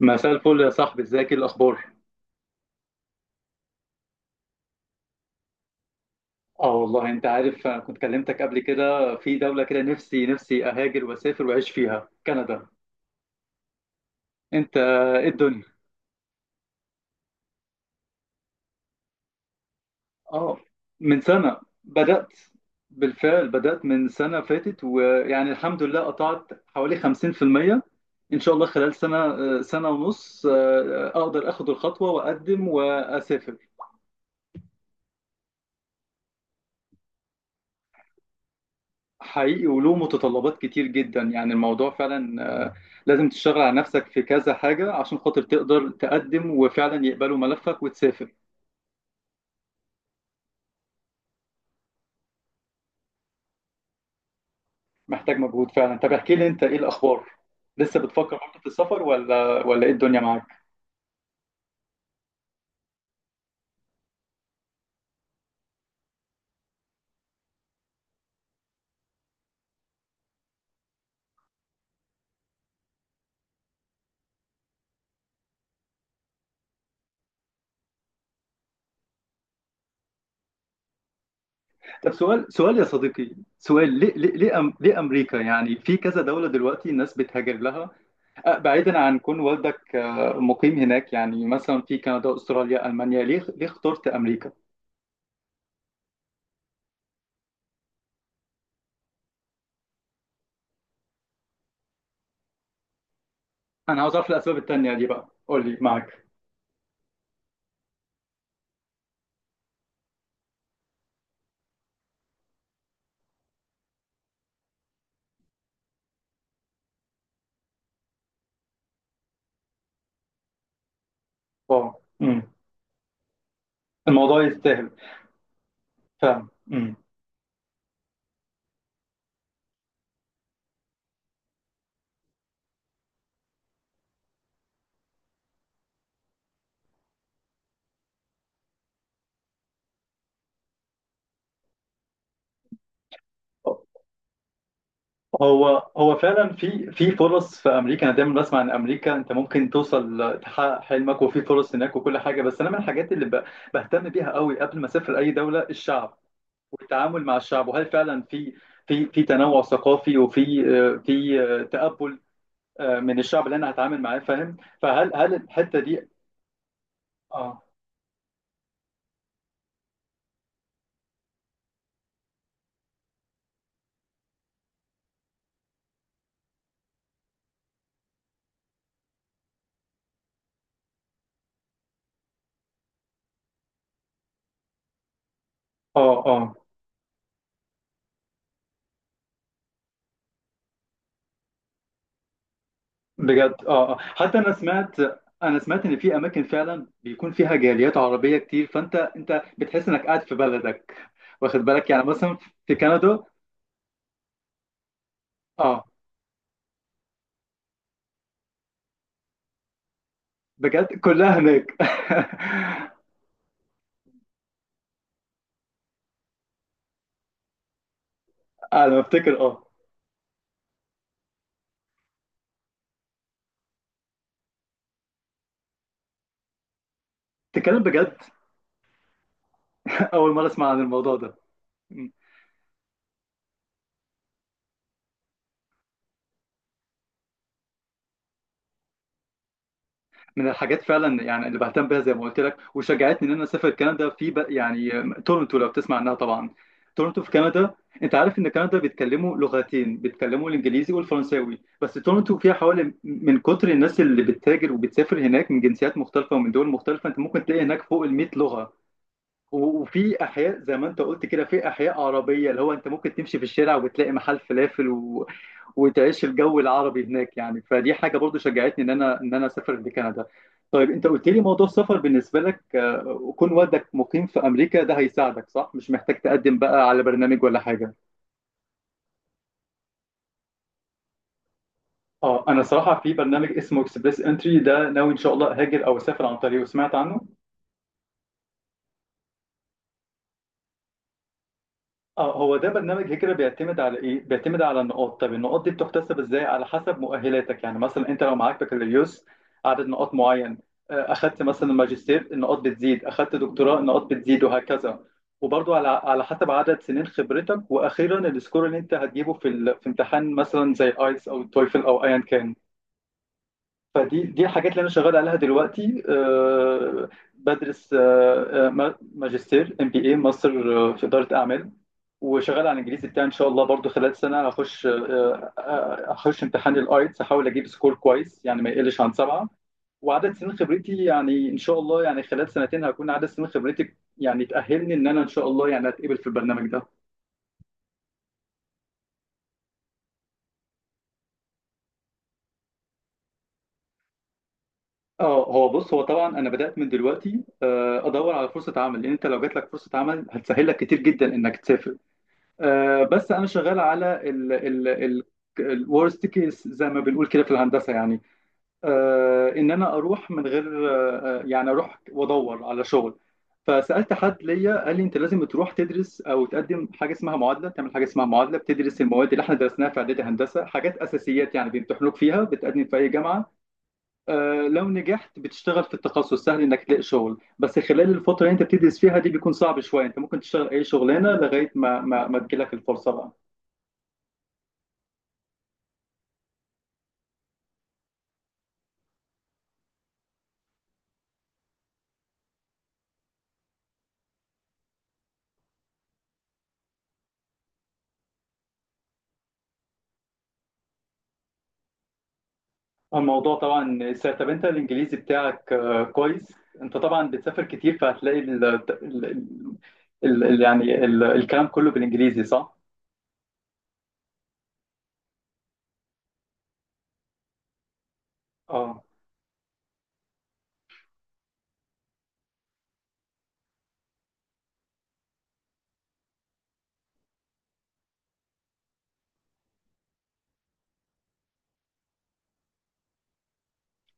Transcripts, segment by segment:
مساء الفل يا صاحبي، ازيك؟ ايه الاخبار؟ اه والله انت عارف، انا كنت كلمتك قبل كده في دولة كده، نفسي اهاجر واسافر واعيش فيها، كندا. انت ايه الدنيا؟ اه، من سنة بدأت، بالفعل بدأت من سنة فاتت، ويعني الحمد لله قطعت حوالي 50%. ان شاء الله خلال سنة سنة ونص اقدر اخد الخطوة واقدم واسافر. حقيقي، وله متطلبات كتير جدا يعني الموضوع فعلا. لازم تشتغل على نفسك في كذا حاجة عشان خاطر تقدر تقدم وفعلا يقبلوا ملفك وتسافر. محتاج مجهود فعلا. طب احكي لي انت، ايه الاخبار؟ لسه بتفكر برضه في السفر، ولا ايه الدنيا معاك؟ طب سؤال يا صديقي، سؤال، ليه، أم ليه امريكا؟ يعني في كذا دولة دلوقتي الناس بتهاجر لها. بعيدا عن كون والدك مقيم هناك، يعني مثلا في كندا، استراليا، المانيا. ليه اخترت امريكا؟ انا عاوز اعرف الاسباب التانية دي بقى، قول لي معاك. اه، امم، الموضوع يستاهل فعلا. امم، هو فعلا في فرص في امريكا. انا دايما بسمع ان امريكا انت ممكن توصل تحقق حلمك، وفي فرص هناك وكل حاجه. بس انا من الحاجات اللي بهتم بيها قوي قبل ما اسافر اي دوله، الشعب والتعامل مع الشعب، وهل فعلا في في تنوع ثقافي، وفي في تقبل من الشعب اللي انا هتعامل معاه، فاهم؟ فهل الحته دي؟ اه اه اه بجد اه. حتى انا سمعت، ان في اماكن فعلا بيكون فيها جاليات عربيه كتير، فانت بتحس انك قاعد في بلدك. واخد بالك؟ يعني مثلا في كندا. اه، بجد كلها هناك؟ انا بفتكر اه. تتكلم بجد؟ اول مره اسمع عن الموضوع ده. من الحاجات فعلا يعني اللي بهتم بيها زي ما قلت لك، وشجعتني ان اسافر كندا، في يعني تورنتو، لو تسمع عنها طبعا. تورنتو في كندا. انت عارف ان كندا بيتكلموا لغتين، بيتكلموا الانجليزي والفرنساوي. بس تورنتو فيها حوالي، من كتر الناس اللي بتتاجر وبتسافر هناك من جنسيات مختلفه ومن دول مختلفه، انت ممكن تلاقي هناك فوق ال 100 لغه. وفي احياء زي ما انت قلت كده، في احياء عربيه، اللي هو انت ممكن تمشي في الشارع وبتلاقي محل فلافل، وتعيش الجو العربي هناك يعني. فدي حاجه برضو شجعتني ان انا اسافر لكندا. طيب، انت قلت لي موضوع السفر بالنسبه لك، وكون والدك مقيم في امريكا، ده هيساعدك صح؟ مش محتاج تقدم بقى على برنامج ولا حاجه؟ اه، انا صراحه في برنامج اسمه اكسبريس انتري، ده ناوي ان شاء الله هاجر او اسافر عن طريقه. سمعت عنه؟ اه، هو ده برنامج هجرة بيعتمد على ايه؟ بيعتمد على النقاط. طب النقاط دي بتحتسب ازاي؟ على حسب مؤهلاتك. يعني مثلا انت لو معاك بكالوريوس، عدد نقاط معين. اخدت مثلا ماجستير، النقاط بتزيد. اخدت دكتوراه، النقاط بتزيد وهكذا. وبرضو على حسب عدد سنين خبرتك. واخيرا السكور اللي انت هتجيبه في امتحان مثلا زي ايلتس او التويفل او ايا كان. فدي الحاجات اللي انا شغال عليها دلوقتي. بدرس ماجستير ام بي اي، ماستر في اداره اعمال. وشغال على الانجليزي بتاعي. ان شاء الله برضو خلال سنه هخش هخش امتحان الايتس، احاول اجيب سكور كويس يعني ما يقلش عن سبعه. وعدد سنين خبرتي يعني ان شاء الله، يعني خلال سنتين هكون عدد سنين خبرتي يعني تاهلني ان ان شاء الله يعني اتقبل في البرنامج ده. اه، هو بص، هو طبعا انا بدات من دلوقتي ادور على فرصه عمل، لان انت لو جات لك فرصه عمل هتسهل لك كتير جدا انك تسافر. بس انا شغال على ال ال ال الورست كيس زي ما بنقول كده في الهندسه يعني. ان انا اروح من غير يعني اروح وادور على شغل. فسالت حد ليا، قال لي انت لازم تروح تدرس او تقدم حاجه اسمها معادله. تعمل حاجه اسمها معادله، بتدرس المواد اللي احنا درسناها في اعدادي هندسه، حاجات اساسيات يعني، بيمتحنوك فيها، بتقدم في اي جامعه. لو نجحت بتشتغل في التخصص سهل انك تلاقي شغل. بس خلال الفتره اللي انت بتدرس فيها دي بيكون صعب شويه. انت ممكن تشتغل اي شغلانه لغايه ما ما تجيلك الفرصه بقى. الموضوع طبعا ساعة. طب انت الانجليزي بتاعك كويس. انت طبعا بتسافر كتير، فهتلاقي ال ال ال ال يعني الكلام كله بالانجليزي، صح؟ اه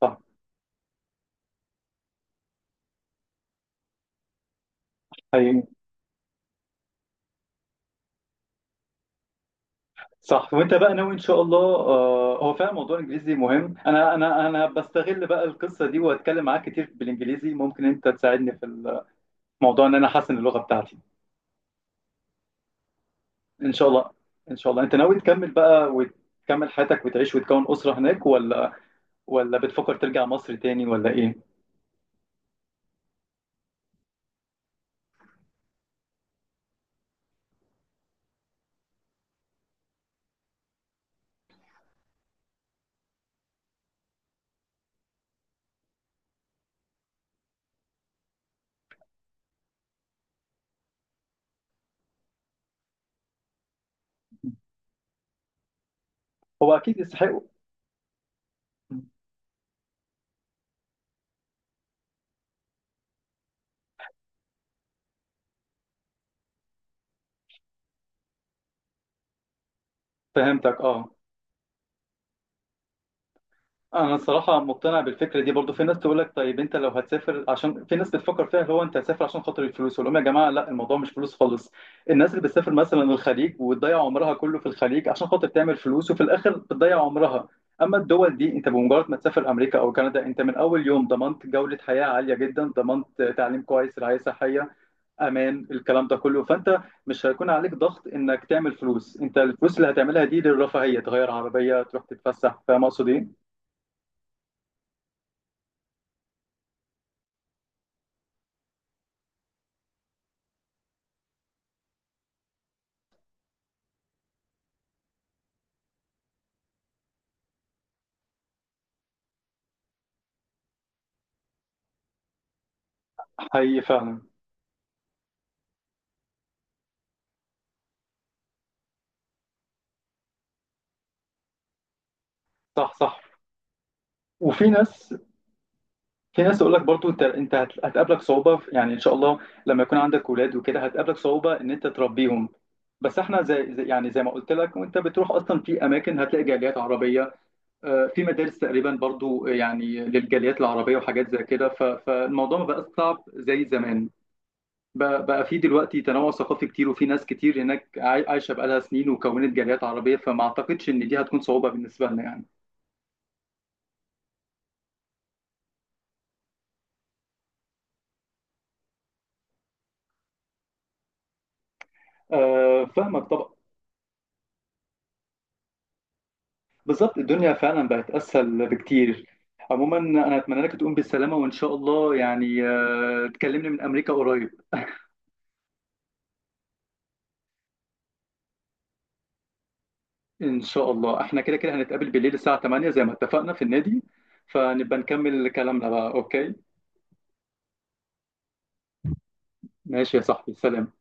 صح، ايوه صح. وانت بقى ناوي ان شاء الله. هو فعلا موضوع الانجليزي مهم. انا بستغل بقى القصه دي واتكلم معاك كتير بالانجليزي، ممكن انت تساعدني في الموضوع ان احسن اللغه بتاعتي ان شاء الله. ان شاء الله. انت ناوي تكمل بقى وتكمل حياتك وتعيش وتكون اسره هناك، ولا بتفكر ترجع مصر تاني، ولا ايه؟ هو اكيد يستحقوا. فهمتك اه. انا الصراحه مقتنع بالفكره دي برضو. في ناس تقول لك طيب انت لو هتسافر عشان، في ناس بتفكر فيها اللي هو انت هتسافر عشان خاطر الفلوس. اقول لهم يا جماعه لا، الموضوع مش فلوس خالص. الناس اللي بتسافر مثلا الخليج وتضيع عمرها كله في الخليج عشان خاطر تعمل فلوس، وفي الاخر بتضيع عمرها. اما الدول دي، انت بمجرد ما تسافر امريكا او كندا، انت من اول يوم ضمنت جوده حياه عاليه جدا، ضمنت تعليم كويس، رعايه صحيه، امان، الكلام ده كله. فانت مش هيكون عليك ضغط انك تعمل فلوس. انت الفلوس اللي هتعملها دي للرفاهيه، تغير عربيه، تروح تتفسح، فاهم اقصد ايه؟ حقيقي فعلا. صح صح. وفي ناس، في ناس تقول لك برضو انت هتقابلك صعوبه يعني ان شاء الله لما يكون عندك اولاد وكده هتقابلك صعوبه ان انت تربيهم. بس احنا زي يعني زي ما قلت لك، وانت بتروح اصلا في اماكن هتلاقي جاليات عربيه. في مدارس تقريبا برضو يعني للجاليات العربيه وحاجات زي كده. فالموضوع ما بقاش صعب زي زمان. بقى بقى في دلوقتي تنوع ثقافي كتير، وفي ناس كتير هناك عايشه بقالها سنين وكونت جاليات عربيه، فما اعتقدش ان دي هتكون صعوبه بالنسبه لنا يعني. آه فاهمك طبعا. بالظبط، الدنيا فعلا بقت اسهل بكتير. عموما انا اتمنى لك تقوم بالسلامه، وان شاء الله يعني آه تكلمني من امريكا قريب. ان شاء الله احنا كده كده هنتقابل بالليل الساعه 8 زي ما اتفقنا في النادي، فنبقى نكمل كلامنا بقى، اوكي؟ ماشي يا صاحبي، سلام.